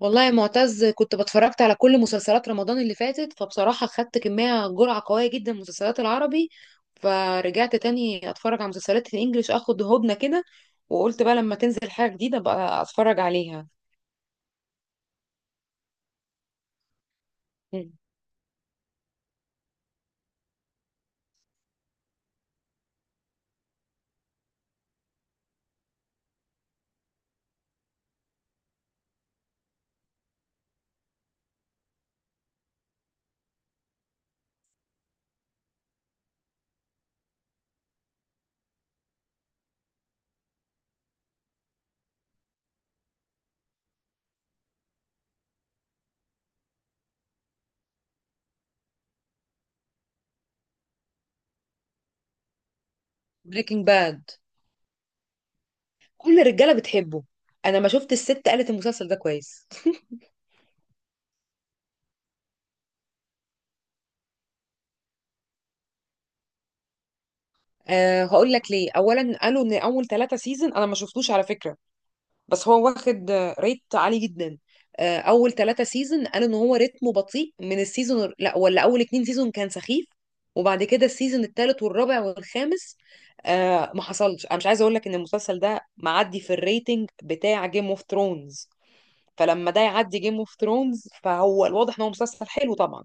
والله يا معتز، كنت بتفرجت على كل مسلسلات رمضان اللي فاتت، فبصراحة خدت كمية جرعة قوية جدا من المسلسلات العربي. فرجعت تاني اتفرج على مسلسلات الانجليش، اخد هدنة كده. وقلت بقى لما تنزل حاجة جديدة بقى اتفرج عليها. بريكنج باد، كل الرجالة بتحبه. انا ما شفت الست قالت المسلسل ده كويس. أه، هقول لك ليه. اولا قالوا ان اول ثلاثة سيزون انا ما شفتوش على فكرة. بس هو واخد ريت عالي جدا. اول ثلاثة سيزون قالوا ان هو رتمه بطيء من السيزون، لا ولا اول اتنين سيزون كان سخيف. وبعد كده السيزون الثالث والرابع والخامس ما حصلش. انا مش عايزه اقول لك ان المسلسل ده معدي في الريتنج بتاع جيم اوف ثرونز. فلما ده يعدي جيم اوف ثرونز فهو الواضح ان هو مسلسل حلو طبعا.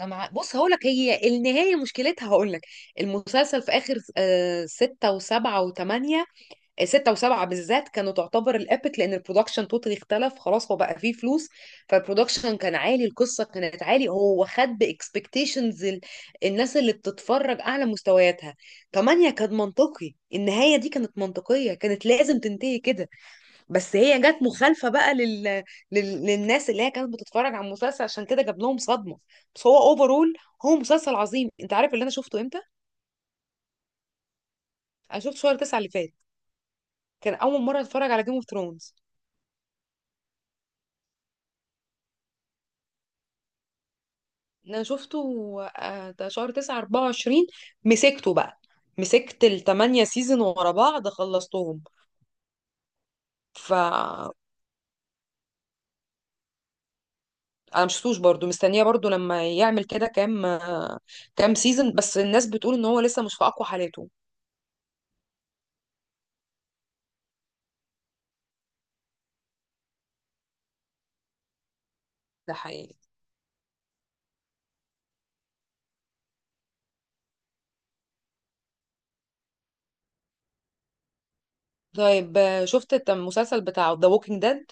بص هقول لك، هي النهايه مشكلتها هقول لك. المسلسل في اخر ستة وسبعة وثمانية. ستة وسبعة بالذات كانوا تعتبر الابيك، لان البرودكشن توتالي اختلف خلاص، هو بقى فيه فلوس. فالبرودكشن كان عالي، القصة كانت عالي، هو خد باكسبكتيشنز الناس اللي بتتفرج اعلى مستوياتها. تمانية كان منطقي، النهاية دي كانت منطقية، كانت لازم تنتهي كده. بس هي جت مخالفة بقى للناس اللي هي كانت بتتفرج على المسلسل، عشان كده جاب لهم صدمة. بس هو اوفرول هو مسلسل عظيم. انت عارف اللي انا شفته امتى؟ انا شفته شهر تسعة اللي فات. كان اول مرة اتفرج على جيم اوف ثرونز. انا شفته، ده شهر 9 24. مسكته بقى، مسكت التمانية سيزون ورا بعض، خلصتهم. ف انا مش شفتوش برضو، مستنيه برضو لما يعمل كده كام، كام سيزون. بس الناس بتقول ان هو لسه مش في اقوى حالاته. ده حقيقي. طيب، شفت المسلسل بتاعه ذا ووكينج ديد؟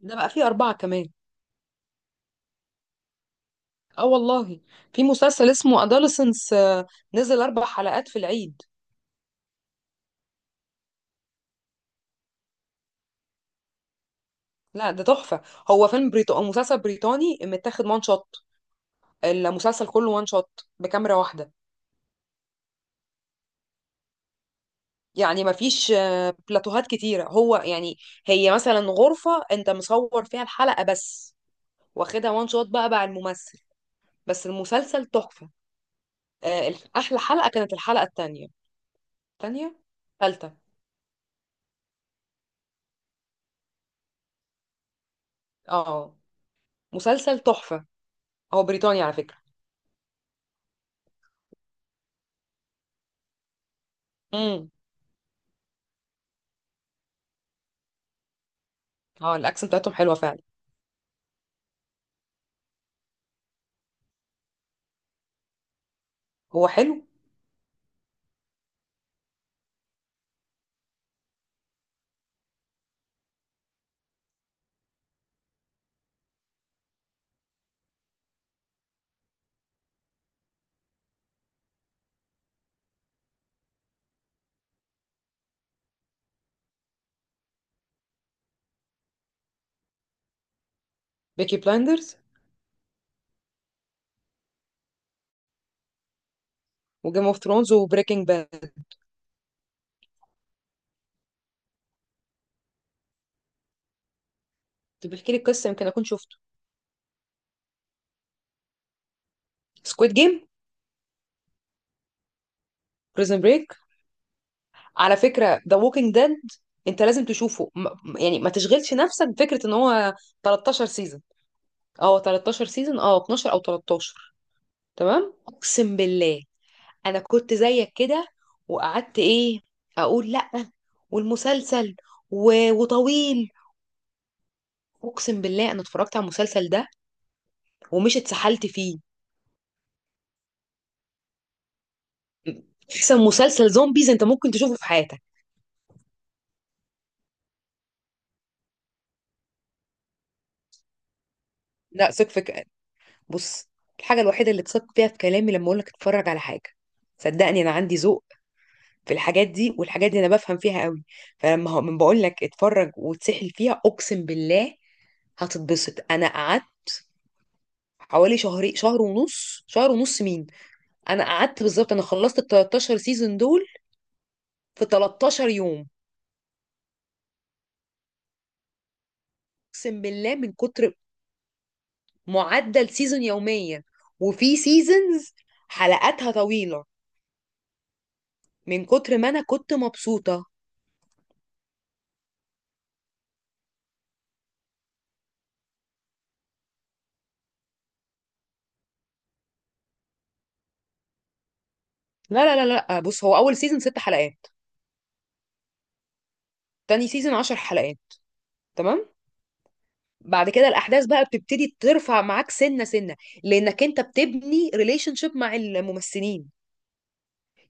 ده بقى فيه أربعة كمان. اه والله، في مسلسل اسمه أدolescence، نزل أربع حلقات في العيد. لا، ده تحفة. هو فيلم بريطاني، مسلسل بريطاني، متاخد وان شوت. المسلسل كله وان شوت بكاميرا واحدة. يعني مفيش بلاتوهات كتيرة. هو يعني هي مثلا غرفة انت مصور فيها الحلقة بس، واخدها وان شوت بقى الممثل. بس المسلسل تحفة. احلى حلقة كانت الحلقة التانية. تانية. تالتة. اه. مسلسل تحفة، هو بريطاني على فكرة. امم اه، الاكسنت بتاعتهم حلوة فعلا. هو حلو. بيكي بلايندرز وجيم اوف ثرونز وبريكنج باد. طب احكي لي القصة يمكن اكون شفته. سكويد جيم؟ بريزن بريك على فكرة. The Walking Dead، انت لازم تشوفه، يعني ما تشغلش نفسك بفكرة ان هو 13 سيزون. اه 13 سيزون، اه 12 او 13. تمام، اقسم بالله انا كنت زيك كده، وقعدت ايه، اقول لا والمسلسل وطويل. اقسم بالله انا اتفرجت على المسلسل ده ومش اتسحلت فيه. احسن مسلسل زومبيز انت ممكن تشوفه في حياتك. لا، ثق فيك. بص، الحاجة الوحيدة اللي تصدق فيها في كلامي لما اقول لك اتفرج على حاجة، صدقني انا عندي ذوق في الحاجات دي، والحاجات دي انا بفهم فيها قوي. فلما هو من بقول لك اتفرج وتسحل فيها، اقسم بالله هتتبسط. انا قعدت حوالي شهرين، شهر ونص، شهر ونص مين، انا قعدت بالظبط، انا خلصت ال 13 سيزون دول في 13 يوم. اقسم بالله من كتر، معدل سيزون يوميا، وفي سيزونز حلقاتها طويلة، من كتر ما انا كنت مبسوطة. لا لا لا لا، بص هو اول سيزون ست حلقات. تاني سيزون عشر حلقات. تمام. بعد كده الاحداث بقى بتبتدي ترفع معاك سنه سنه، لانك انت بتبني ريليشن شيب مع الممثلين.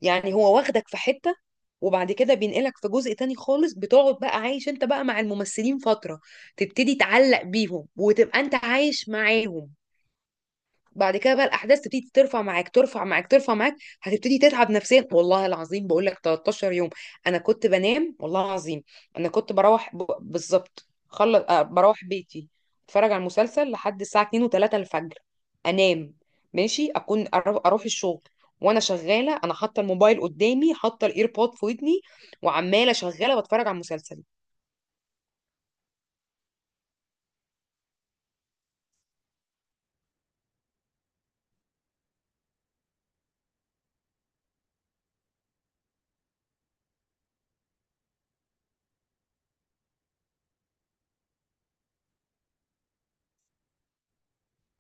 يعني هو واخدك في حته، وبعد كده بينقلك في جزء تاني خالص، بتقعد بقى عايش انت بقى مع الممثلين فتره، تبتدي تعلق بيهم وتبقى انت عايش معاهم. بعد كده بقى الاحداث تبتدي ترفع معاك ترفع معاك ترفع معاك. هتبتدي تتعب نفسيا. والله العظيم بقول لك 13 يوم انا كنت بنام. والله العظيم، انا كنت بروح بالظبط خلص. بروح بيتي، اتفرج على المسلسل لحد الساعه 2 و3 الفجر، انام، ماشي اكون اروح الشغل. وانا شغاله انا حاطه الموبايل قدامي، حاطه الايربود في ودني، وعماله شغاله بتفرج على المسلسل.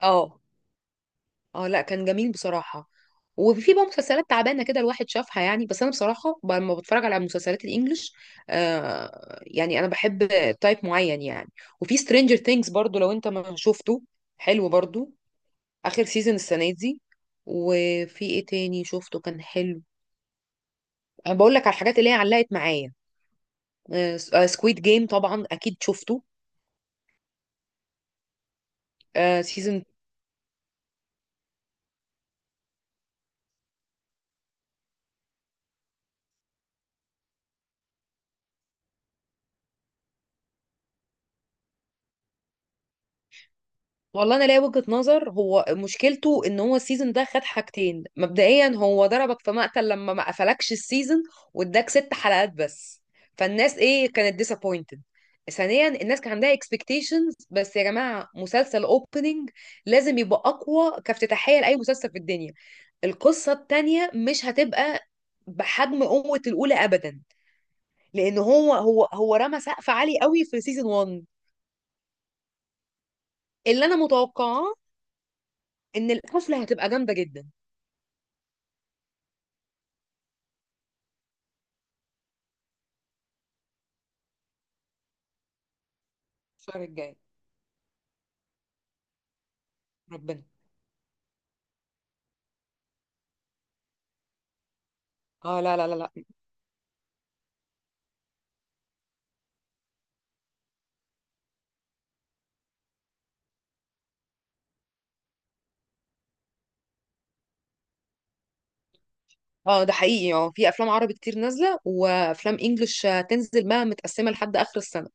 اه. اه لا، كان جميل بصراحة. وفي بقى مسلسلات تعبانة كده الواحد شافها يعني، بس أنا بصراحة لما بتفرج على مسلسلات الإنجليش، يعني أنا بحب تايب معين يعني. وفي سترينجر ثينجز برضو لو أنت ما شفته، حلو برضو. آخر سيزون السنة دي. وفي إيه تاني شفته كان حلو؟ أنا بقول لك على الحاجات اللي هي علقت معايا. سكويد جيم طبعا أكيد شفته. والله انا ليا وجهة نظر، هو مشكلته ان هو السيزون ده خد حاجتين مبدئيا. هو ضربك في مقتل لما ما قفلكش السيزون، واداك ست حلقات بس. فالناس ايه كانت ديسابوينتد. ثانيا، الناس كان عندها اكسبكتيشنز. بس يا جماعة، مسلسل اوبننج لازم يبقى اقوى كافتتاحية لاي مسلسل في الدنيا. القصة التانية مش هتبقى بحجم قوة الأولى أبدا، لأن هو رمى سقف عالي قوي في سيزون 1. اللي أنا متوقعاه إن القفلة هتبقى جامدة جدا. الشهر الجاي، ربنا. اه لا لا لا لا. اه ده حقيقي، اه في افلام عربي كتير نازله وافلام انجلش، تنزل بقى متقسمه لحد اخر السنه.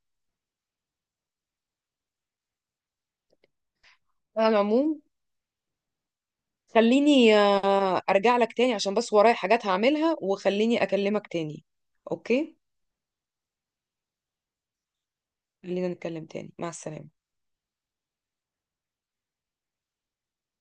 على العموم، خليني ارجع لك تاني عشان بس ورايا حاجات هعملها، وخليني اكلمك تاني. اوكي. خلينا نتكلم تاني. مع السلامه.